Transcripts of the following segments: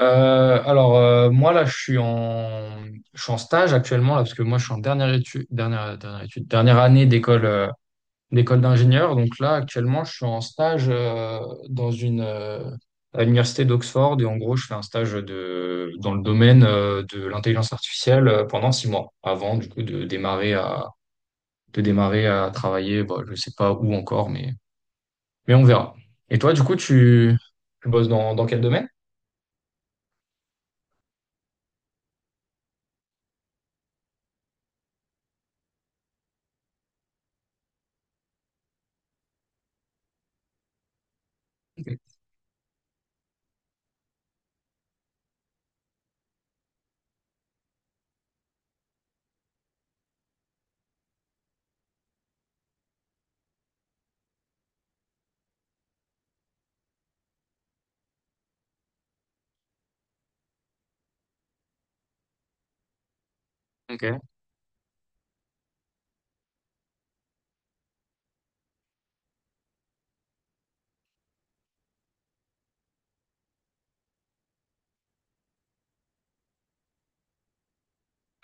Là, je suis en stage actuellement, là, parce que moi, je suis en dernière dernière année d'école d'ingénieur. Donc là, actuellement, je suis en stage, dans à l'université d'Oxford. Et en gros, je fais un dans le domaine, de l'intelligence artificielle, pendant 6 mois, avant, du coup, de démarrer à travailler. Bon, je sais pas où encore, mais on verra. Et toi, du coup, tu bosses dans quel domaine? Ok.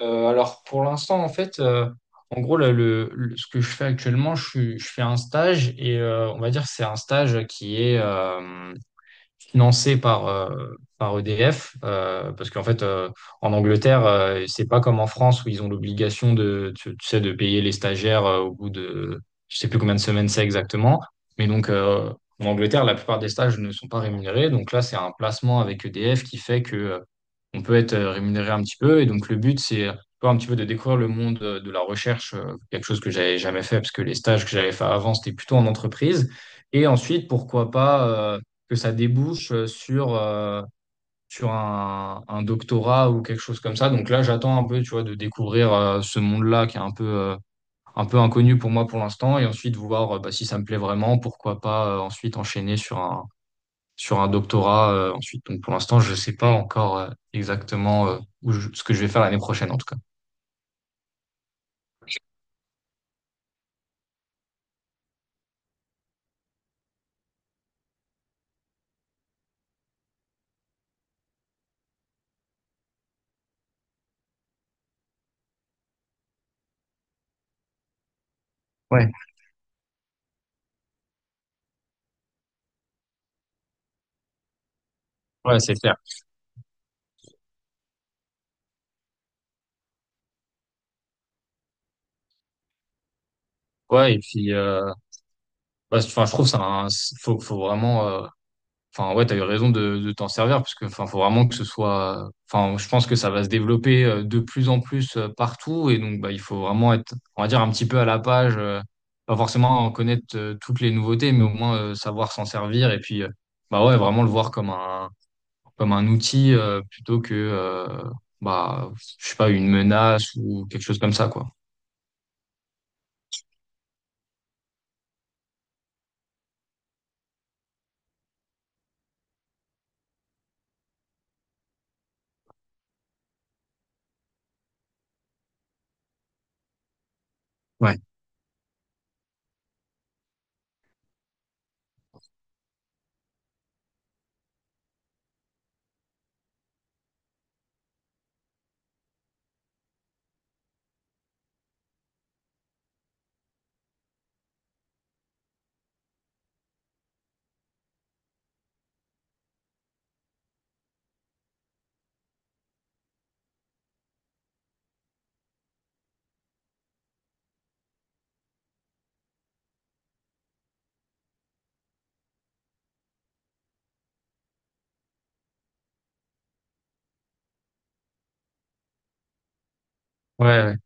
Alors pour l'instant, en fait, en gros, là, ce que je fais actuellement, je fais un stage et on va dire que c'est un stage qui est, financé par EDF, parce qu'en fait, en Angleterre, c'est pas comme en France où ils ont l'obligation tu sais, de payer les stagiaires au je sais plus combien de semaines c'est exactement, mais en Angleterre, la plupart des stages ne sont pas rémunérés, donc là, c'est un placement avec EDF qui fait que on peut être rémunéré un petit peu, et donc le but, c'est tu vois, un petit peu de découvrir le monde de la recherche, quelque chose que j'avais jamais fait, parce que les stages que j'avais fait avant, c'était plutôt en entreprise. Et ensuite, pourquoi pas que ça débouche sur un doctorat ou quelque chose comme ça. Donc là, j'attends un peu, tu vois, de découvrir ce monde-là qui est un un peu inconnu pour moi pour l'instant et ensuite voir bah, si ça me plaît vraiment, pourquoi pas ensuite enchaîner sur un doctorat ensuite. Donc pour l'instant, je sais pas encore exactement ce que je vais faire l'année prochaine en tout cas. Ouais, ouais, c'est clair. Ouais, et puis, bah, enfin, je trouve ça, faut vraiment. Enfin, ouais, t'as eu raison de t'en servir parce que, enfin, faut vraiment que ce soit. Enfin, je pense que ça va se développer de plus en plus partout et donc, bah, il faut vraiment être, on va dire, un petit peu à la page. Pas forcément en connaître toutes les nouveautés, mais au moins savoir s'en servir et puis, bah ouais, vraiment le voir comme un outil plutôt bah, je sais pas, une menace ou quelque chose comme ça, quoi. Ouais. Ouais. Ouais.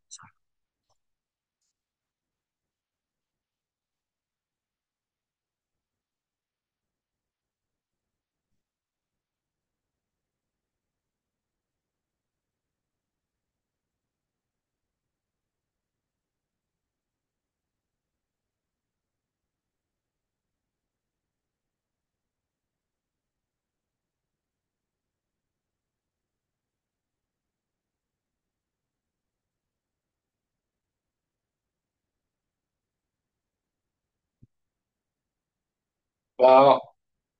Bah,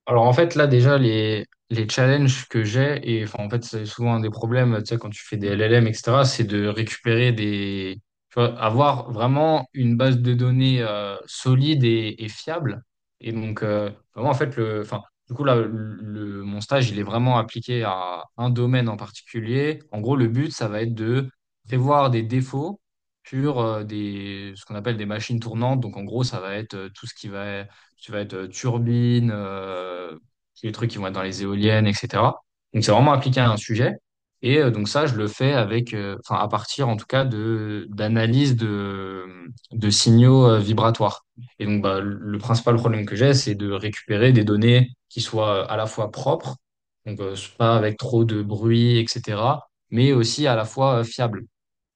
Alors en fait là déjà les challenges que j'ai et enfin en fait c'est souvent un des problèmes tu sais quand tu fais des LLM etc c'est de récupérer des tu vois, avoir vraiment une base de données solide et fiable et vraiment en fait le enfin du coup mon stage il est vraiment appliqué à un domaine en particulier, en gros le but ça va être de prévoir des défauts sur des ce qu'on appelle des machines tournantes, donc en gros ça va être tout ce qui va tu vas être turbine, les trucs qui vont être dans les éoliennes, etc. Donc c'est vraiment appliqué à un sujet. Et donc ça, je le fais avec, enfin à partir en tout cas de d'analyse de signaux vibratoires. Et donc bah, le principal problème que j'ai, c'est de récupérer des données qui soient à la fois propres, donc pas avec trop de bruit, etc. Mais aussi à la fois fiables.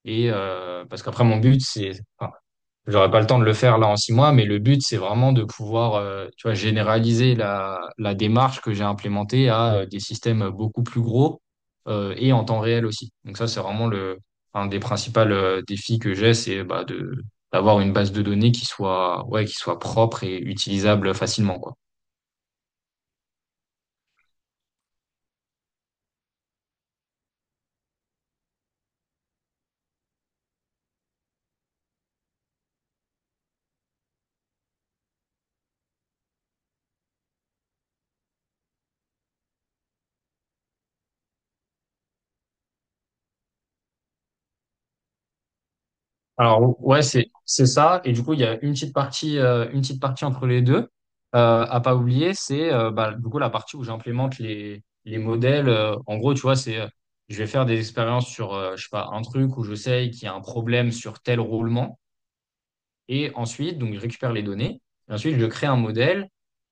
Et parce qu'après mon but, enfin, j'aurais pas le temps de le faire là en 6 mois, mais le but, c'est vraiment de pouvoir, tu vois, généraliser la démarche que j'ai implémentée à des systèmes beaucoup plus gros et en temps réel aussi. Donc ça, c'est vraiment un des principaux défis que j'ai, c'est d'avoir une base de données qui soit, ouais, qui soit propre et utilisable facilement, quoi. Alors ouais, c'est ça. Et du coup, il y a une petite partie entre les deux à pas oublier, c'est bah, du coup la partie où j'implémente les modèles. En gros, tu vois, c'est je vais faire des expériences sur je sais pas un truc où je sais qu'il y a un problème sur tel roulement. Et ensuite, donc, je récupère les données. Et ensuite, je crée un modèle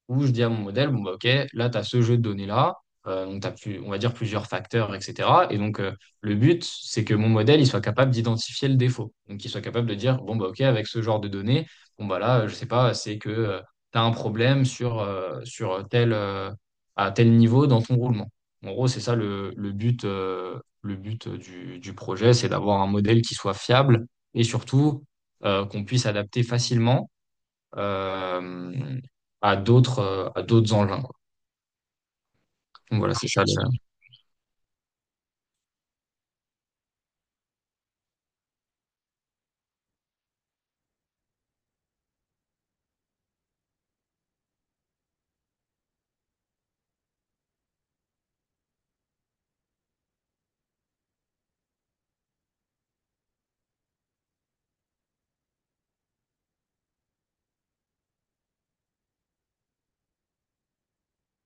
où je dis à mon modèle, OK, là, tu as ce jeu de données-là. Donc, t'as plus, on va dire plusieurs facteurs, etc. Et donc, le but, c'est que mon modèle, il soit capable d'identifier le défaut. Donc, il soit capable de dire, OK, avec ce genre de données, là, je sais pas, c'est que tu as un problème sur tel, à tel niveau dans ton roulement. En gros, c'est ça le but du projet, c'est d'avoir un modèle qui soit fiable et surtout qu'on puisse adapter facilement euh, à d'autres engins, quoi. Donc voilà, c'est ça.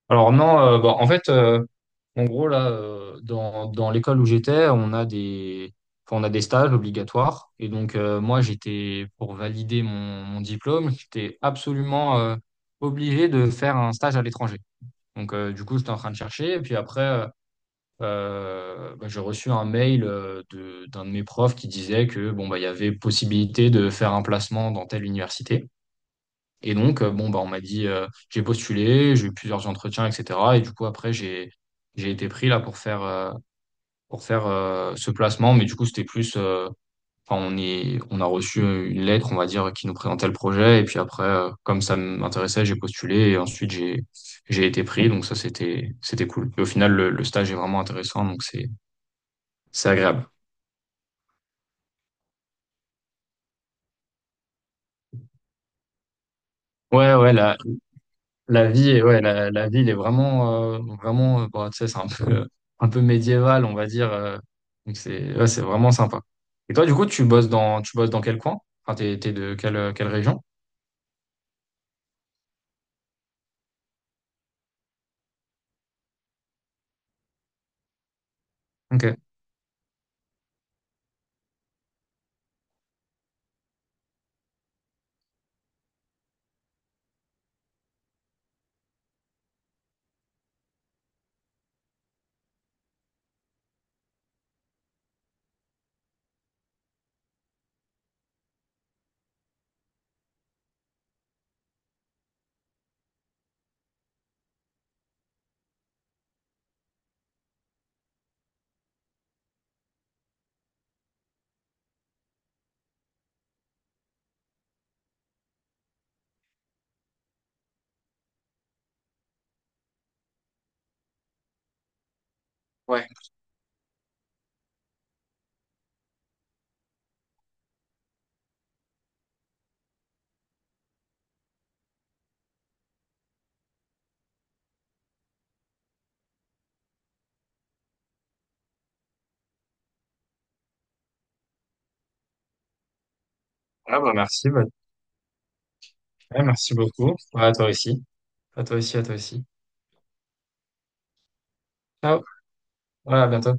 Alors non, en fait, en gros, là, dans l'école où j'étais, enfin, on a des stages obligatoires. Et donc, moi, j'étais, pour valider mon diplôme, j'étais absolument obligé de faire un stage à l'étranger. Donc, du coup, j'étais en train de chercher. Et puis après, bah, j'ai reçu un mail d'un de mes profs qui disait que bon bah il y avait possibilité de faire un placement dans telle université. Et bon bah on m'a dit j'ai postulé, j'ai eu plusieurs entretiens, etc. Et du coup après j'ai été pris là pour faire ce placement, mais du coup c'était plus enfin, on a reçu une lettre on va dire qui nous présentait le projet et puis après comme ça m'intéressait j'ai postulé et ensuite j'ai été pris, donc ça c'était cool. Et au final le stage est vraiment intéressant donc c'est agréable. Ouais, ouais, la ville est vraiment, vraiment, bon, tu sais, c'est un peu, un peu médiéval, on va dire. Donc c'est, ouais, c'est vraiment sympa. Et toi, du coup, tu bosses dans quel coin? Enfin, t'es de quelle région? Ok. Ouais. Ah bah merci, bah, ouais, merci beaucoup. Ouais, à toi aussi. À toi aussi, à toi aussi. Ciao. Ouais, à bientôt.